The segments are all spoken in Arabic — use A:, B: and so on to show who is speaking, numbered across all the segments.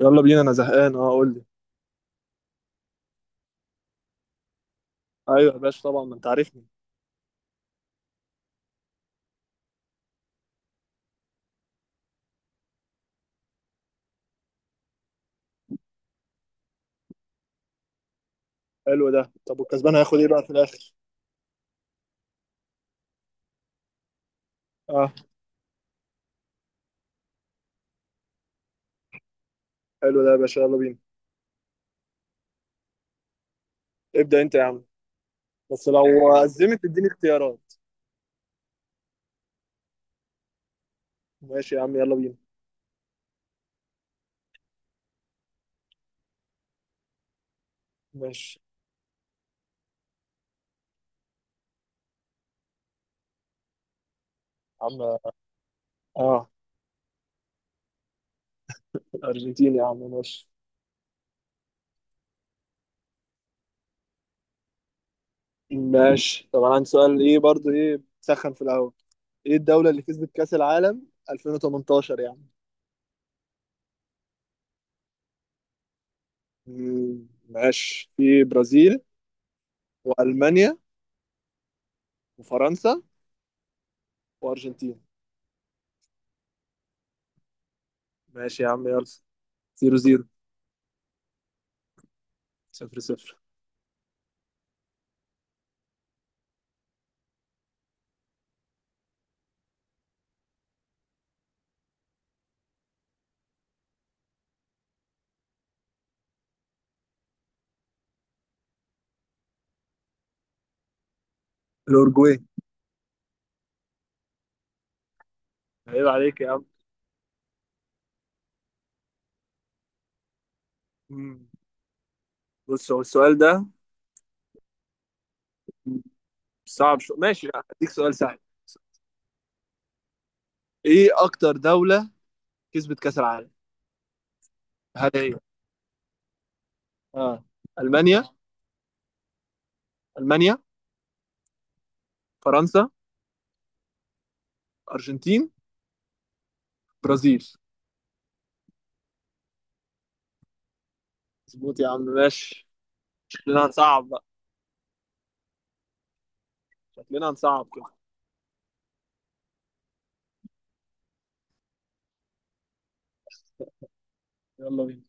A: يلا بينا، انا زهقان. اه، قول لي. ايوه يا باشا، طبعا ما انت عارفني. حلو ده. طب، والكسبان هياخد ايه بقى في الاخر؟ اه، حلو ده يا باشا، يلا بينا. ابدأ انت يا عم. بس لو أزمت اديني اختيارات. ماشي يا عم، يلا بينا. ماشي يا عم. اه، الارجنتين يا عم، ماشي. ماشي. طب انا عندي سؤال. ايه برضو، ايه سخن في الاول؟ ايه الدولة اللي كسبت كأس العالم 2018 يعني؟ ماشي، في برازيل، وألمانيا، وفرنسا، وأرجنتين. ماشي يا عم يلا. 0 0. 0 0. الأورجواي. عيب عليك يا عم. مم. بص، هو السؤال ده صعب شو؟ ماشي، لا، هديك سؤال سهل. ايه اكتر دولة كسبت كأس العالم؟ هل هي... اه، المانيا المانيا، فرنسا، ارجنتين، برازيل؟ مظبوط يا عم، ماشي. شكلنا هنصعب بقى. شكلنا هنصعب كده. يلا بينا.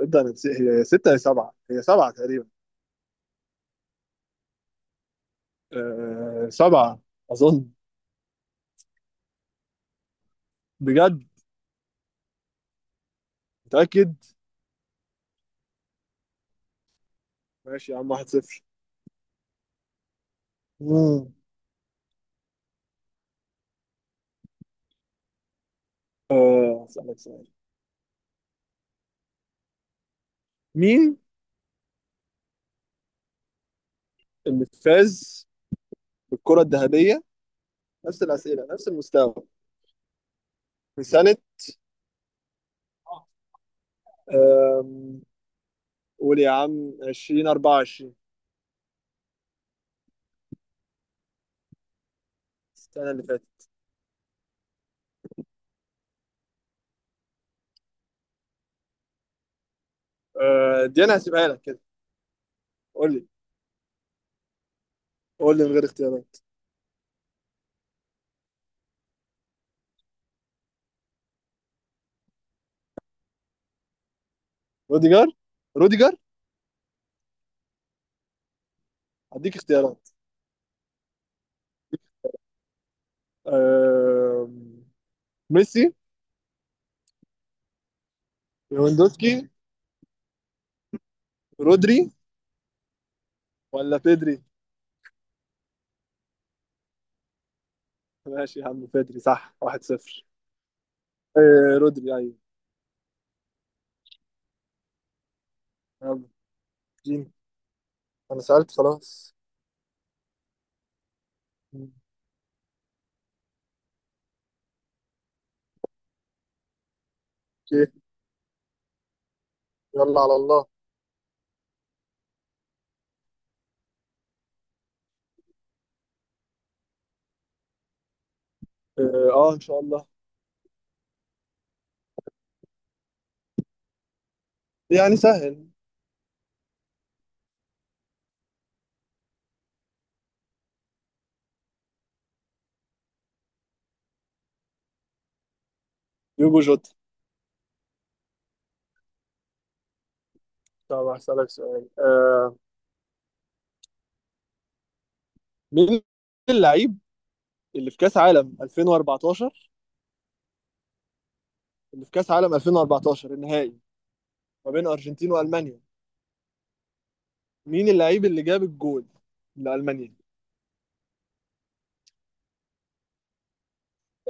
A: ابدا انا نسي- هي ستة، هي سبعة، هي سبعة تقريبا. أه، سبعة. أظن. بجد؟ متأكد؟ ماشي يا عم، 1-0. مم. أه، أسألك سؤال. مين اللي فاز بالكرة الذهبية؟ نفس الأسئلة، نفس المستوى. في سنة آم، قول يا عم، 2024. السنة اللي فاتت. دي أنا هسيبها لك كده. قول لي. قول لي من غير اختيارات. روديجر. روديجر. هديك اختيارات. آم، ميسي، ليفاندوسكي، رودري، ولا بيدري؟ ماشي يا عم، بيدري صح. 1-0. رودري، أيوه. يلا. جيم. أنا سألت خلاص. أوكي. يلا على الله. اه، ان شاء الله. يعني سهل. يوجو جوتا. طب هسألك سؤال. مين اللعيب اللي في كأس عالم 2014 اللي في كأس عالم 2014، النهائي، ما بين أرجنتين وألمانيا. مين اللعيب اللي جاب الجول لألمانيا؟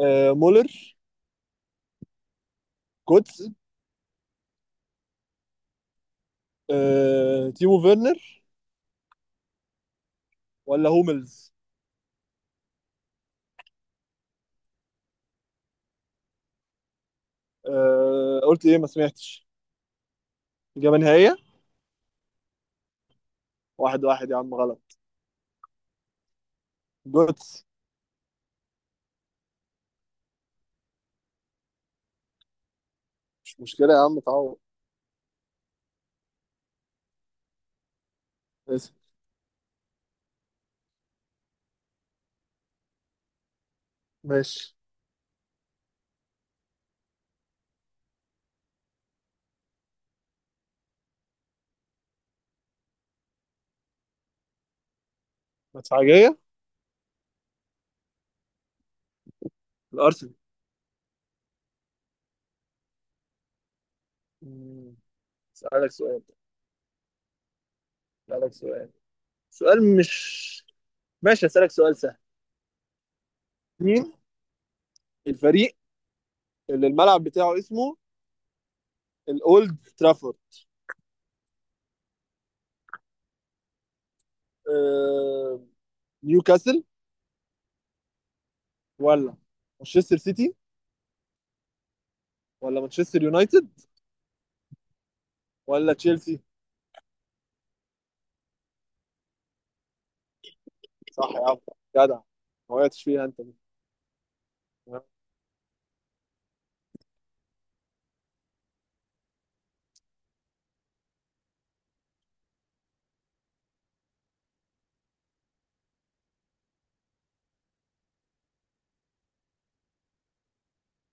A: مولر، كوتس، تيمو فيرنر، ولا هوملز؟ قلت إيه؟ ما سمعتش. إجابة نهائية. 1-1 يا عم، غلط. جوتس. مش مشكلة يا عم، تعوض. اسف. ماشي. مدفعجية. الأرسنال. مم. أسألك سؤال، اسالك سؤال سؤال مش ماشي، اسالك سؤال سهل. مين الفريق اللي الملعب بتاعه اسمه الاولد ترافورد؟ آه... نيوكاسل، ولا مانشستر سيتي، ولا مانشستر يونايتد، ولا تشيلسي؟ صح يا عم، جدع. ما وقعتش فيها انت.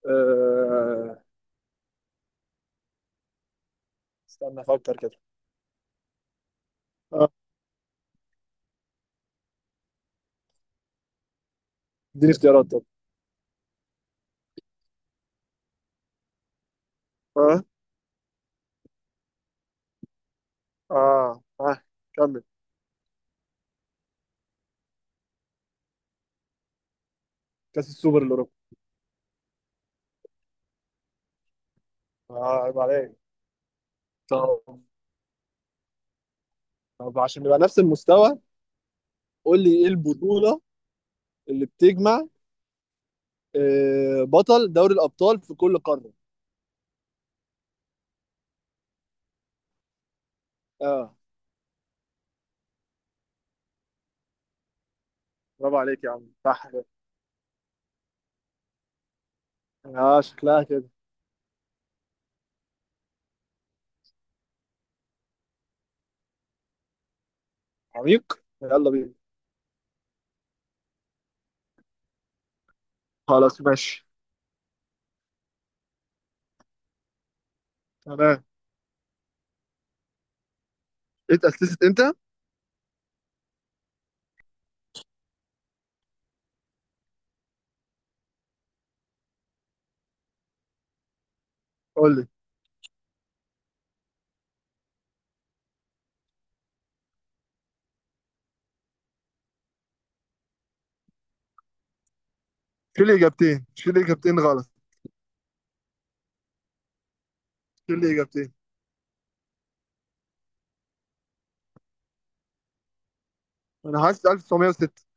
A: آه... استنى افكر كده. آه، اديني اختيارات طب. اه، اه، اه، كمل. كاس السوبر الاوروبي. اه، عيب عليك. طب، طب، عشان نبقى نفس المستوى. قول لي ايه البطولة اللي بتجمع بطل دوري الابطال في كل قاره؟ اه، برافو عليك يا عم، صح كده. اه، شكلها كده. عميق؟ يلا بينا. خلاص ماشي. تمام. اتأسست امتى؟ قول لي. شيل اجابتين، شيل اجابتين غلط. شيل اجابتين. انا حاسس 1906.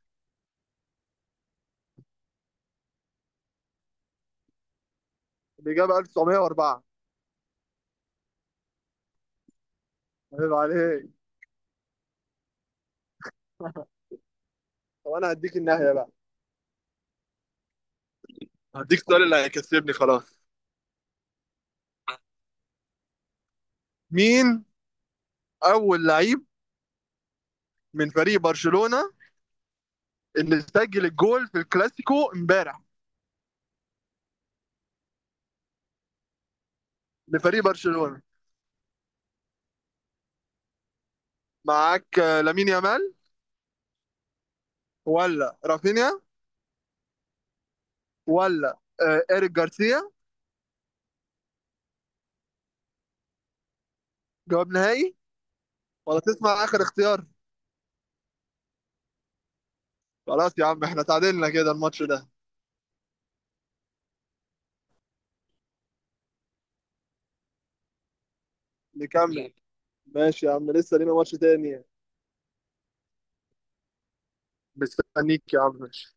A: الاجابه 1904. عيب عليك. طب انا هديك النهايه بقى. هديك السؤال اللي هيكسبني خلاص. مين اول لعيب من فريق برشلونة اللي سجل الجول في الكلاسيكو امبارح لفريق برشلونة؟ معاك لامين يامال، ولا رافينيا، ولا إيريك جارسيا؟ جواب نهائي؟ ولا تسمع آخر اختيار؟ خلاص يا عم، احنا تعادلنا كده الماتش ده. نكمل. ماشي يا عم، لسه لينا ماتش تاني. مستنيك يا عم، ماشي.